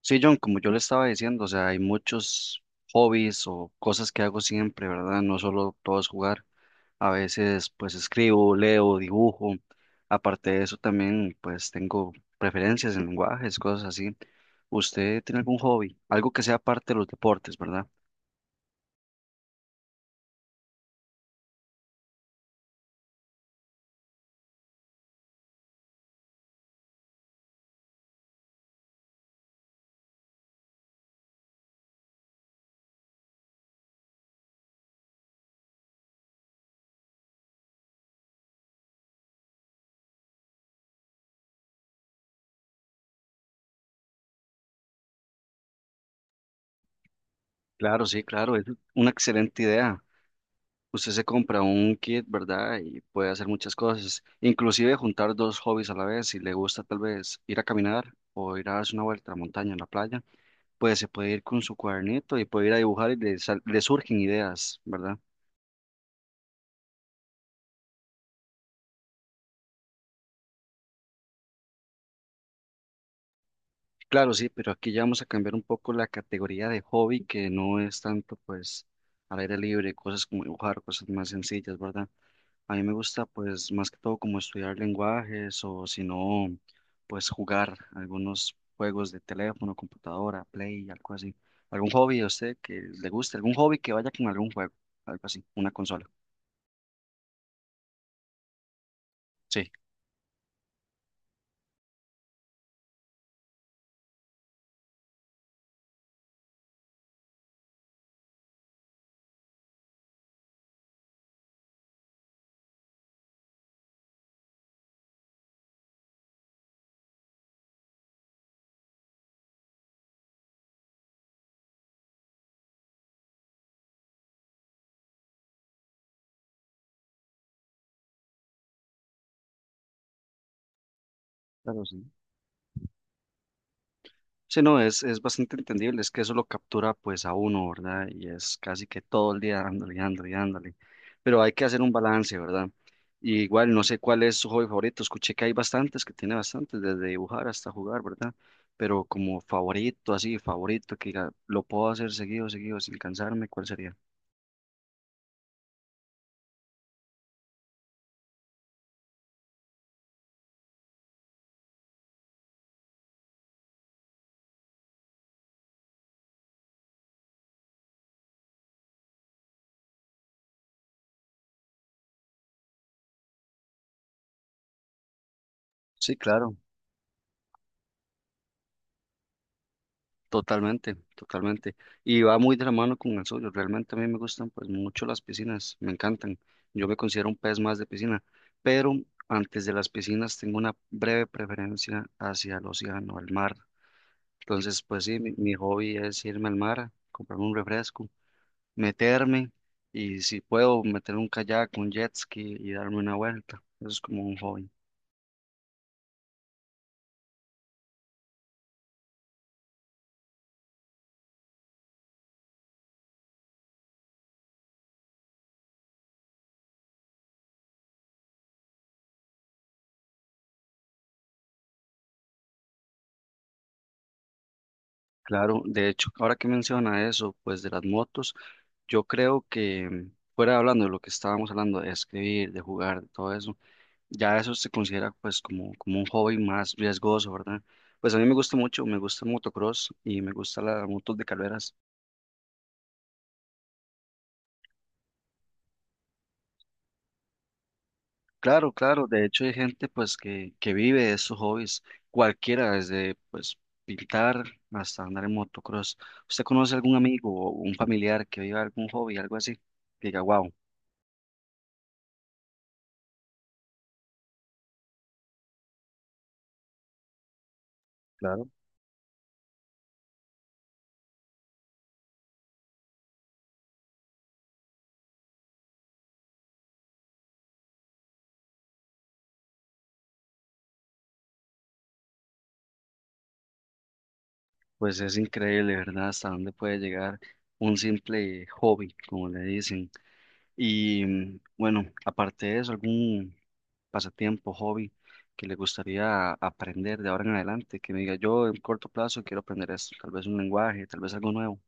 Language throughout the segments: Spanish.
Sí, John, como yo le estaba diciendo, o sea, hay muchos hobbies o cosas que hago siempre, ¿verdad? No solo todo es jugar, a veces pues escribo, leo, dibujo, aparte de eso también pues tengo preferencias en lenguajes, cosas así. ¿Usted tiene algún hobby? Algo que sea parte de los deportes, ¿verdad? Claro, sí, claro, es una excelente idea. Usted se compra un kit, ¿verdad? Y puede hacer muchas cosas, inclusive juntar dos hobbies a la vez, si le gusta tal vez ir a caminar o ir a darse una vuelta a la montaña, a la playa pues se puede ir con su cuadernito y puede ir a dibujar y le, le surgen ideas, ¿verdad? Claro, sí, pero aquí ya vamos a cambiar un poco la categoría de hobby que no es tanto pues al aire libre, cosas como dibujar, cosas más sencillas, ¿verdad? A mí me gusta pues más que todo como estudiar lenguajes o si no, pues jugar algunos juegos de teléfono, computadora, play, algo así. ¿Algún hobby a usted que le guste? ¿Algún hobby que vaya con algún juego? Algo así, una consola. Sí. Claro, sí. Sí, no, es bastante entendible, es que eso lo captura pues a uno, ¿verdad? Y es casi que todo el día dándole, dándole, dándole. Pero hay que hacer un balance, ¿verdad? Y igual, no sé cuál es su hobby favorito, escuché que hay bastantes, que tiene bastantes, desde dibujar hasta jugar, ¿verdad? Pero como favorito, así, favorito, que diga, lo puedo hacer seguido, seguido, sin cansarme, ¿cuál sería? Sí, claro. Totalmente, totalmente. Y va muy de la mano con el suyo. Realmente a mí me gustan pues mucho las piscinas, me encantan. Yo me considero un pez más de piscina, pero antes de las piscinas tengo una breve preferencia hacia el océano, el mar. Entonces, pues sí, mi hobby es irme al mar, comprarme un refresco, meterme y si puedo meter un kayak, un jet ski y darme una vuelta. Eso es como un hobby. Claro, de hecho, ahora que menciona eso, pues de las motos. Yo creo que fuera hablando de lo que estábamos hablando, de escribir, de jugar, de todo eso, ya eso se considera pues como, como un hobby más riesgoso, ¿verdad? Pues a mí me gusta mucho, me gusta el motocross y me gusta las motos de carreras. Claro, claro, de hecho hay gente pues que vive de esos hobbies, cualquiera, desde pues pintar hasta andar en motocross. ¿Usted conoce algún amigo o un familiar que viva algún hobby, algo así? Que diga, wow. Pues es increíble, ¿verdad? Hasta dónde puede llegar un simple hobby, como le dicen. Y bueno, aparte de eso, algún pasatiempo, hobby que le gustaría aprender de ahora en adelante, que me diga yo en corto plazo quiero aprender esto, tal vez un lenguaje, tal vez algo nuevo.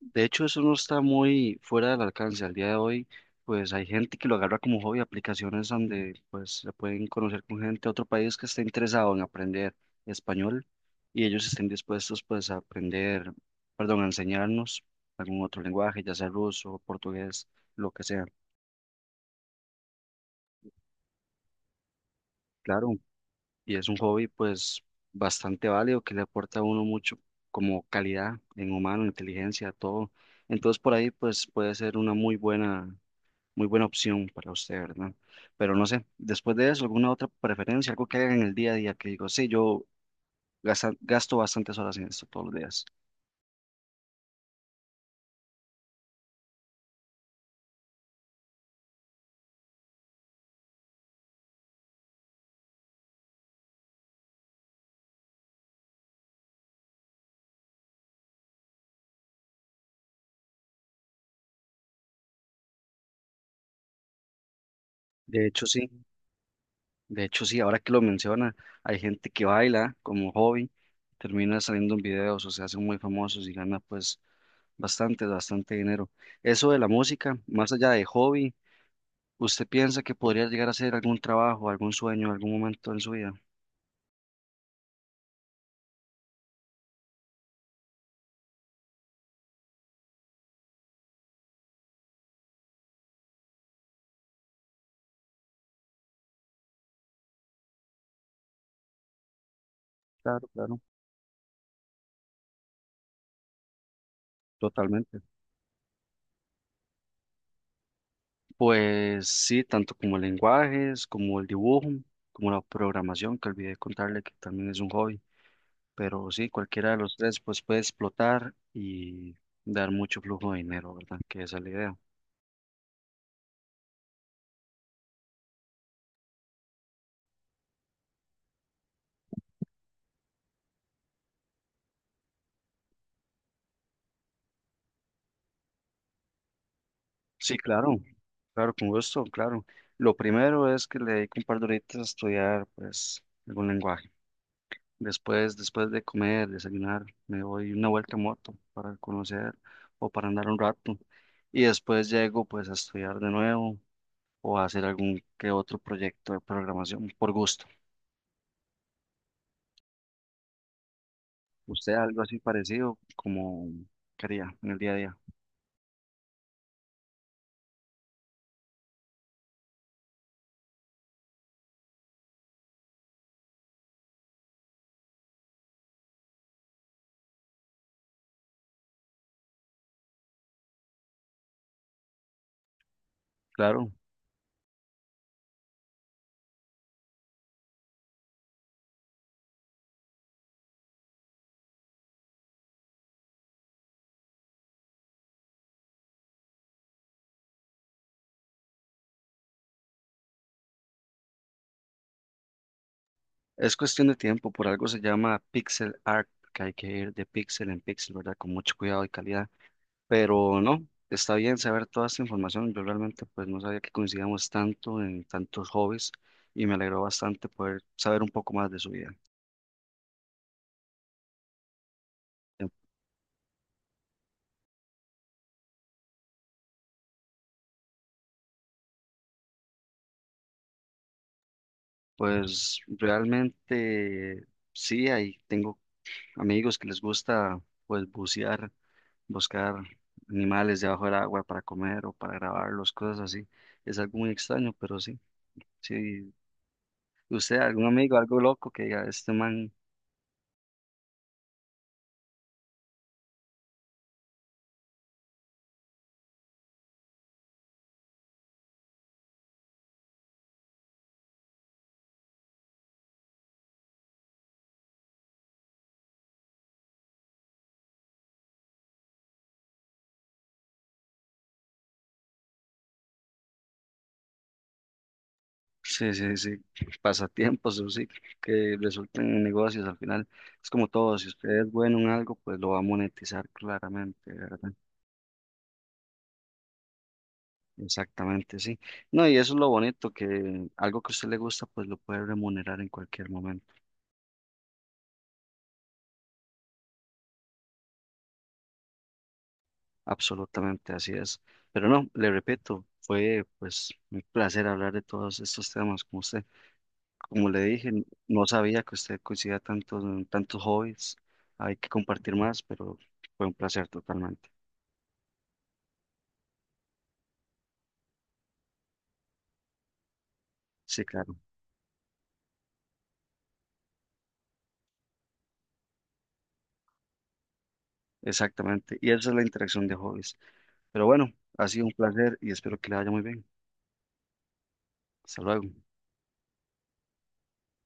De hecho, eso no está muy fuera del alcance. Al día de hoy, pues hay gente que lo agarra como hobby, aplicaciones donde pues se pueden conocer con gente de otro país que esté interesado en aprender español y ellos estén dispuestos pues a aprender, perdón, a enseñarnos algún otro lenguaje, ya sea ruso, portugués, lo que sea. Claro, y es un hobby pues bastante válido que le aporta a uno mucho como calidad en humano, inteligencia, todo. Entonces por ahí pues puede ser una muy buena muy buena opción para usted, ¿verdad? Pero no sé, después de eso, ¿alguna otra preferencia? Algo que haga en el día a día que digo, sí, yo gasto bastantes horas en esto todos los días. De hecho, sí, de hecho, sí, ahora que lo menciona, hay gente que baila como hobby, termina saliendo en videos o se hacen muy famosos y gana pues bastante, bastante dinero. Eso de la música, más allá de hobby, ¿usted piensa que podría llegar a ser algún trabajo, algún sueño, algún momento en su vida? Claro, claro, totalmente. Pues sí, tanto como lenguajes, como el dibujo, como la programación, que olvidé contarle que también es un hobby, pero sí, cualquiera de los tres pues puede explotar y dar mucho flujo de dinero, ¿verdad? Que esa es la idea. Sí, claro, claro, con gusto, claro. Lo primero es que le dedico un par de horitas a estudiar pues algún lenguaje. Después, después de comer, desayunar, me doy una vuelta en moto para conocer o para andar un rato y después llego pues a estudiar de nuevo o hacer algún que otro proyecto de programación por gusto. ¿Usted algo así parecido como quería en el día a día? Claro, es cuestión de tiempo, por algo se llama pixel art, que hay que ir de pixel en pixel, ¿verdad? Con mucho cuidado y calidad, pero no, está bien saber toda esta información, yo realmente pues no sabía que coincidíamos tanto en tantos hobbies y me alegró bastante poder saber un poco más de su vida. Eh, Pues realmente sí, ahí tengo amigos que les gusta pues bucear buscar animales debajo del agua para comer o para grabarlos, cosas así. Es algo muy extraño, pero sí, sí. ¿Usted, algún amigo, algo loco que diga, este man, sí, sí, sí, pasatiempos o sí, que resulten en negocios al final? Es como todo, si usted es bueno en algo, pues lo va a monetizar claramente, ¿verdad? Exactamente, sí. No, y eso es lo bonito, que algo que a usted le gusta, pues lo puede remunerar en cualquier momento. Absolutamente, así es. Pero no, le repito, fue pues un placer hablar de todos estos temas con usted. Como le dije, no sabía que usted coincidía tanto en tantos hobbies. Hay que compartir más, pero fue un placer totalmente. Sí, claro, exactamente. Y esa es la interacción de hobbies. Pero bueno, ha sido un placer y espero que le vaya muy bien. Hasta luego.